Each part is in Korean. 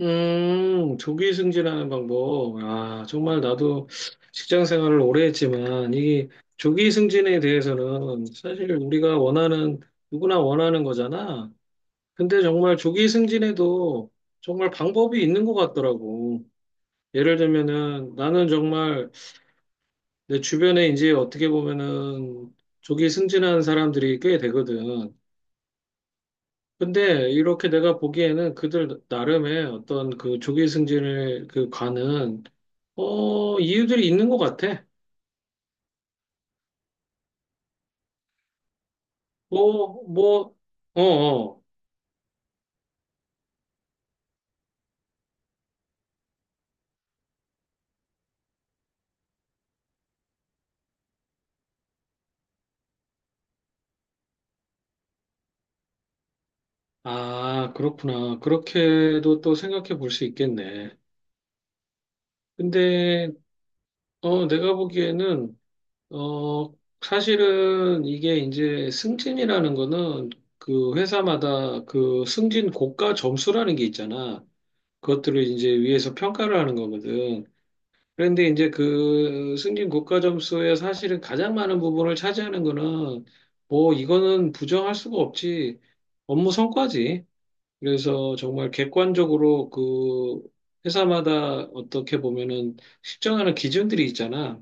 조기 승진하는 방법. 아, 정말 나도 직장 생활을 오래 했지만, 이 조기 승진에 대해서는 사실 우리가 원하는, 누구나 원하는 거잖아. 근데 정말 조기 승진에도 정말 방법이 있는 것 같더라고. 예를 들면은 나는 정말 내 주변에 이제 어떻게 보면은 조기 승진한 사람들이 꽤 되거든. 근데 이렇게 내가 보기에는 그들 나름의 어떤 그 조기 승진을 그 관은 이유들이 있는 것 같아. 뭐, 뭐, 어, 어. 아, 그렇구나. 그렇게도 또 생각해 볼 수 있겠네. 근데, 내가 보기에는, 어, 사실은 이게 이제 승진이라는 거는 그 회사마다 그 승진 고가 점수라는 게 있잖아. 그것들을 이제 위에서 평가를 하는 거거든. 그런데 이제 그 승진 국가 점수에 사실은 가장 많은 부분을 차지하는 거는 뭐 이거는 부정할 수가 없지 업무 성과지. 그래서 정말 객관적으로 그 회사마다 어떻게 보면은 측정하는 기준들이 있잖아.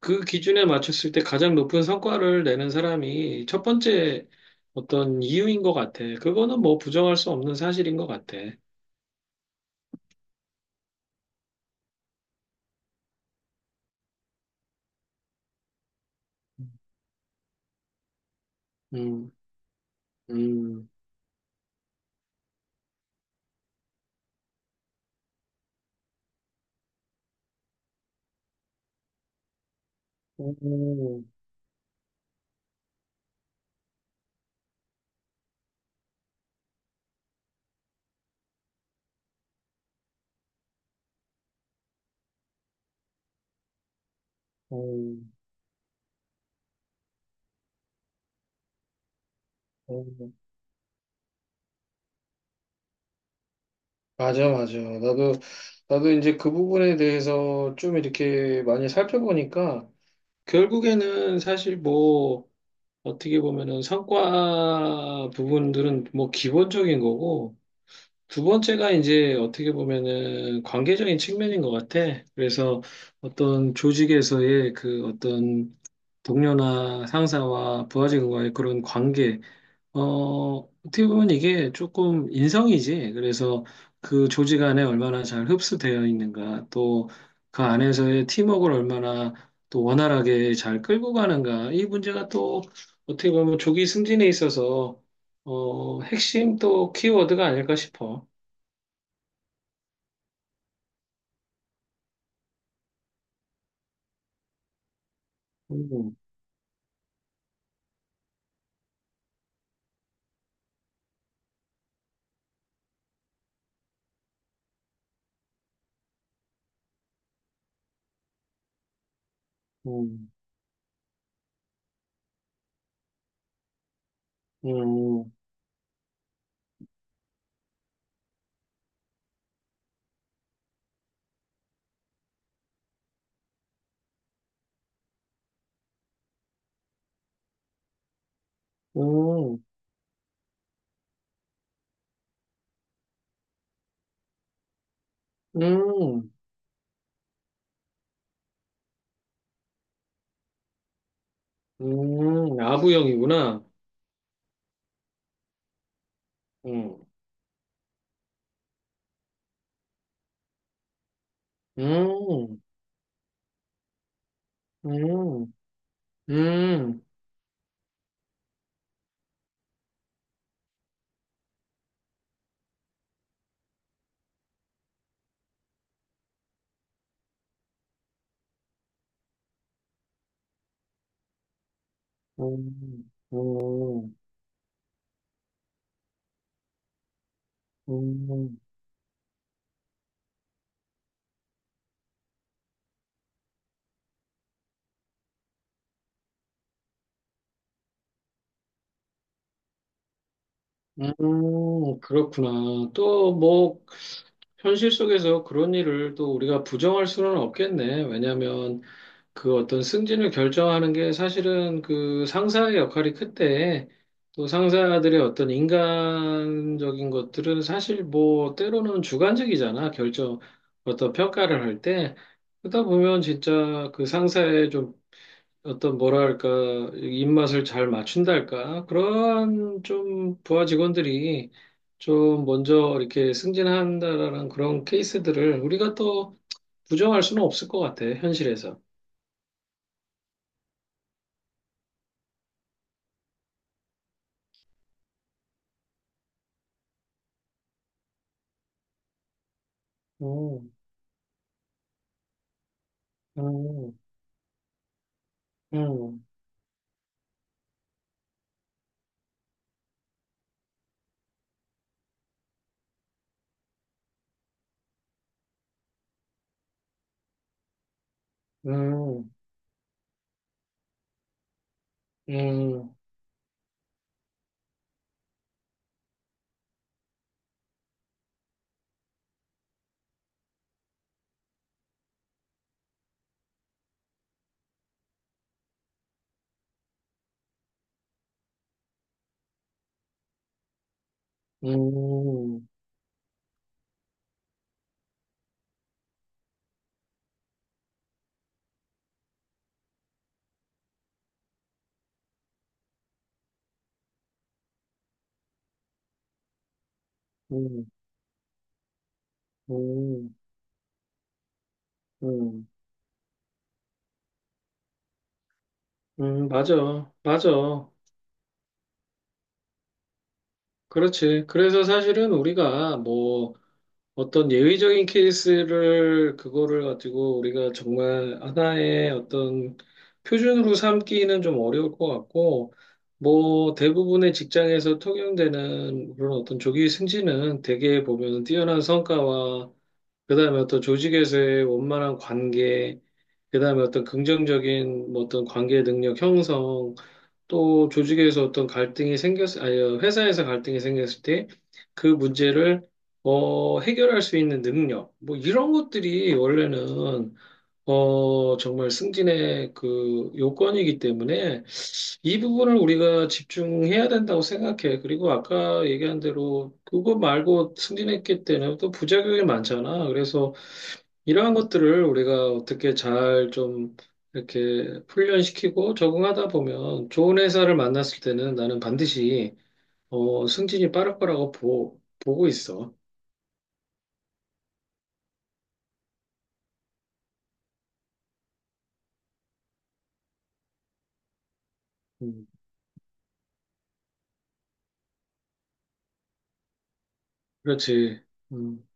그 기준에 맞췄을 때 가장 높은 성과를 내는 사람이 첫 번째 어떤 이유인 것 같아. 그거는 뭐 부정할 수 없는 사실인 것 같아. 음, 음. 오, 오, 오. 맞아, 맞아. 나도 이제 그 부분에 대해서 좀 이렇게 많이 살펴보니까 결국에는 사실 뭐 어떻게 보면은 성과 부분들은 뭐 기본적인 거고 두 번째가 이제 어떻게 보면은 관계적인 측면인 것 같아. 그래서 어떤 조직에서의 그 어떤 동료나 상사와 부하직원과의 그런 관계 어떻게 보면 이게 조금 인성이지. 그래서 그 조직 안에 얼마나 잘 흡수되어 있는가, 또 그 안에서의 팀워크를 얼마나 또 원활하게 잘 끌고 가는가, 이 문제가 또 어떻게 보면 조기 승진에 있어서 핵심 또 키워드가 아닐까 싶어. 음, 음, 음, 음, 음, 아부형이구나. 음, 음, 음, 음. 음. 음, 음, 음, 그렇구나. 또 뭐, 현실 속에서 그런 일을 또 우리가 부정할 수는 없겠네. 왜냐하면 그 어떤 승진을 결정하는 게 사실은 그 상사의 역할이 큰데 또 상사들의 어떤 인간적인 것들은 사실 뭐, 때로는 주관적이잖아. 어떤 평가를 할 때. 그러다 보면 진짜 그 상사의 좀 어떤 뭐랄까 입맛을 잘 맞춘달까 그런 좀 부하 직원들이 좀 먼저 이렇게 승진한다라는 그런 케이스들을 우리가 또 부정할 수는 없을 것 같아 현실에서. 음, 음, 음, 음, 음, 음, 음, 음, 음, 맞아, 맞아. 그렇지. 그래서 사실은 우리가 뭐 어떤 예외적인 케이스를 그거를 가지고 우리가 정말 하나의 어떤 표준으로 삼기는 좀 어려울 것 같고, 뭐 대부분의 직장에서 통용되는 그런 어떤 조기 승진은 대개 보면 뛰어난 성과와 그다음에 어떤 조직에서의 원만한 관계, 그다음에 어떤 긍정적인 뭐 어떤 관계 능력 형성 또 조직에서 어떤 갈등이 아니, 회사에서 갈등이 생겼을 때 그 문제를 해결할 수 있는 능력, 뭐 이런 것들이 원래는 정말 승진의 그 요건이기 때문에 이 부분을 우리가 집중해야 된다고 생각해. 그리고 아까 얘기한 대로 그거 말고 승진했기 때문에 또 부작용이 많잖아. 그래서 이러한 것들을 우리가 어떻게 잘 좀 이렇게 훈련시키고 적응하다 보면 좋은 회사를 만났을 때는 나는 반드시 승진이 빠를 거라고 보고 있어. 음, 그렇지. 음,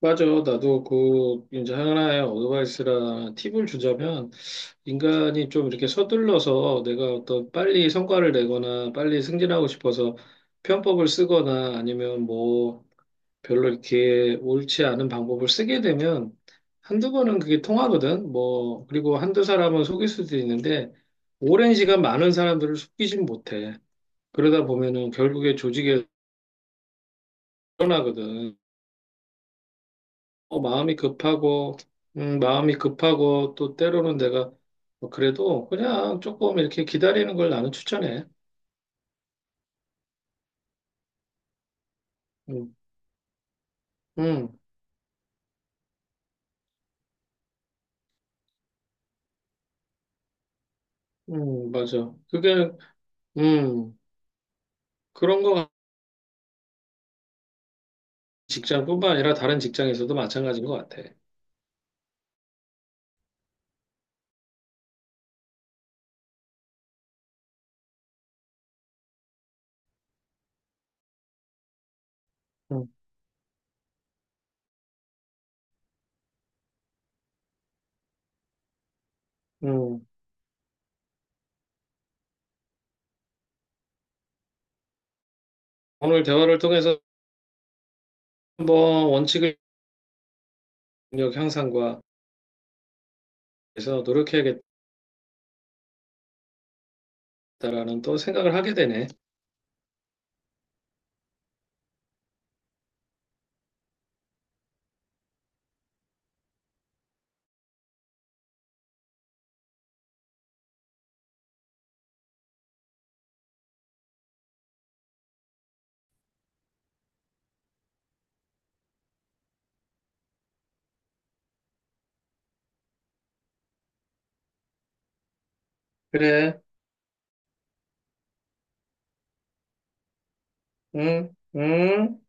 맞아. 나도 그 이제 하나의 어드바이스라 팁을 주자면 인간이 좀 이렇게 서둘러서 내가 어떤 빨리 성과를 내거나 빨리 승진하고 싶어서 편법을 쓰거나 아니면 뭐 별로 이렇게 옳지 않은 방법을 쓰게 되면 한두 번은 그게 통하거든. 뭐, 그리고 한두 사람은 속일 수도 있는데 오랜 시간 많은 사람들을 속이진 못해. 그러다 보면은 결국에 조직에 드러나거든. 어, 마음이 급하고, 마음이 급하고 또 때로는 내가 뭐 그래도 그냥 조금 이렇게 기다리는 걸 나는 추천해. 음, 음, 맞아. 그게, 음, 그런 거 직장뿐만 아니라 다른 직장에서도 마찬가지인 것 같아. 음, 음. 오늘 대화를 통해서 한번 원칙을 능력 향상과 해서 노력해야겠다라는 또 생각을 하게 되네. 그래, 응, 응.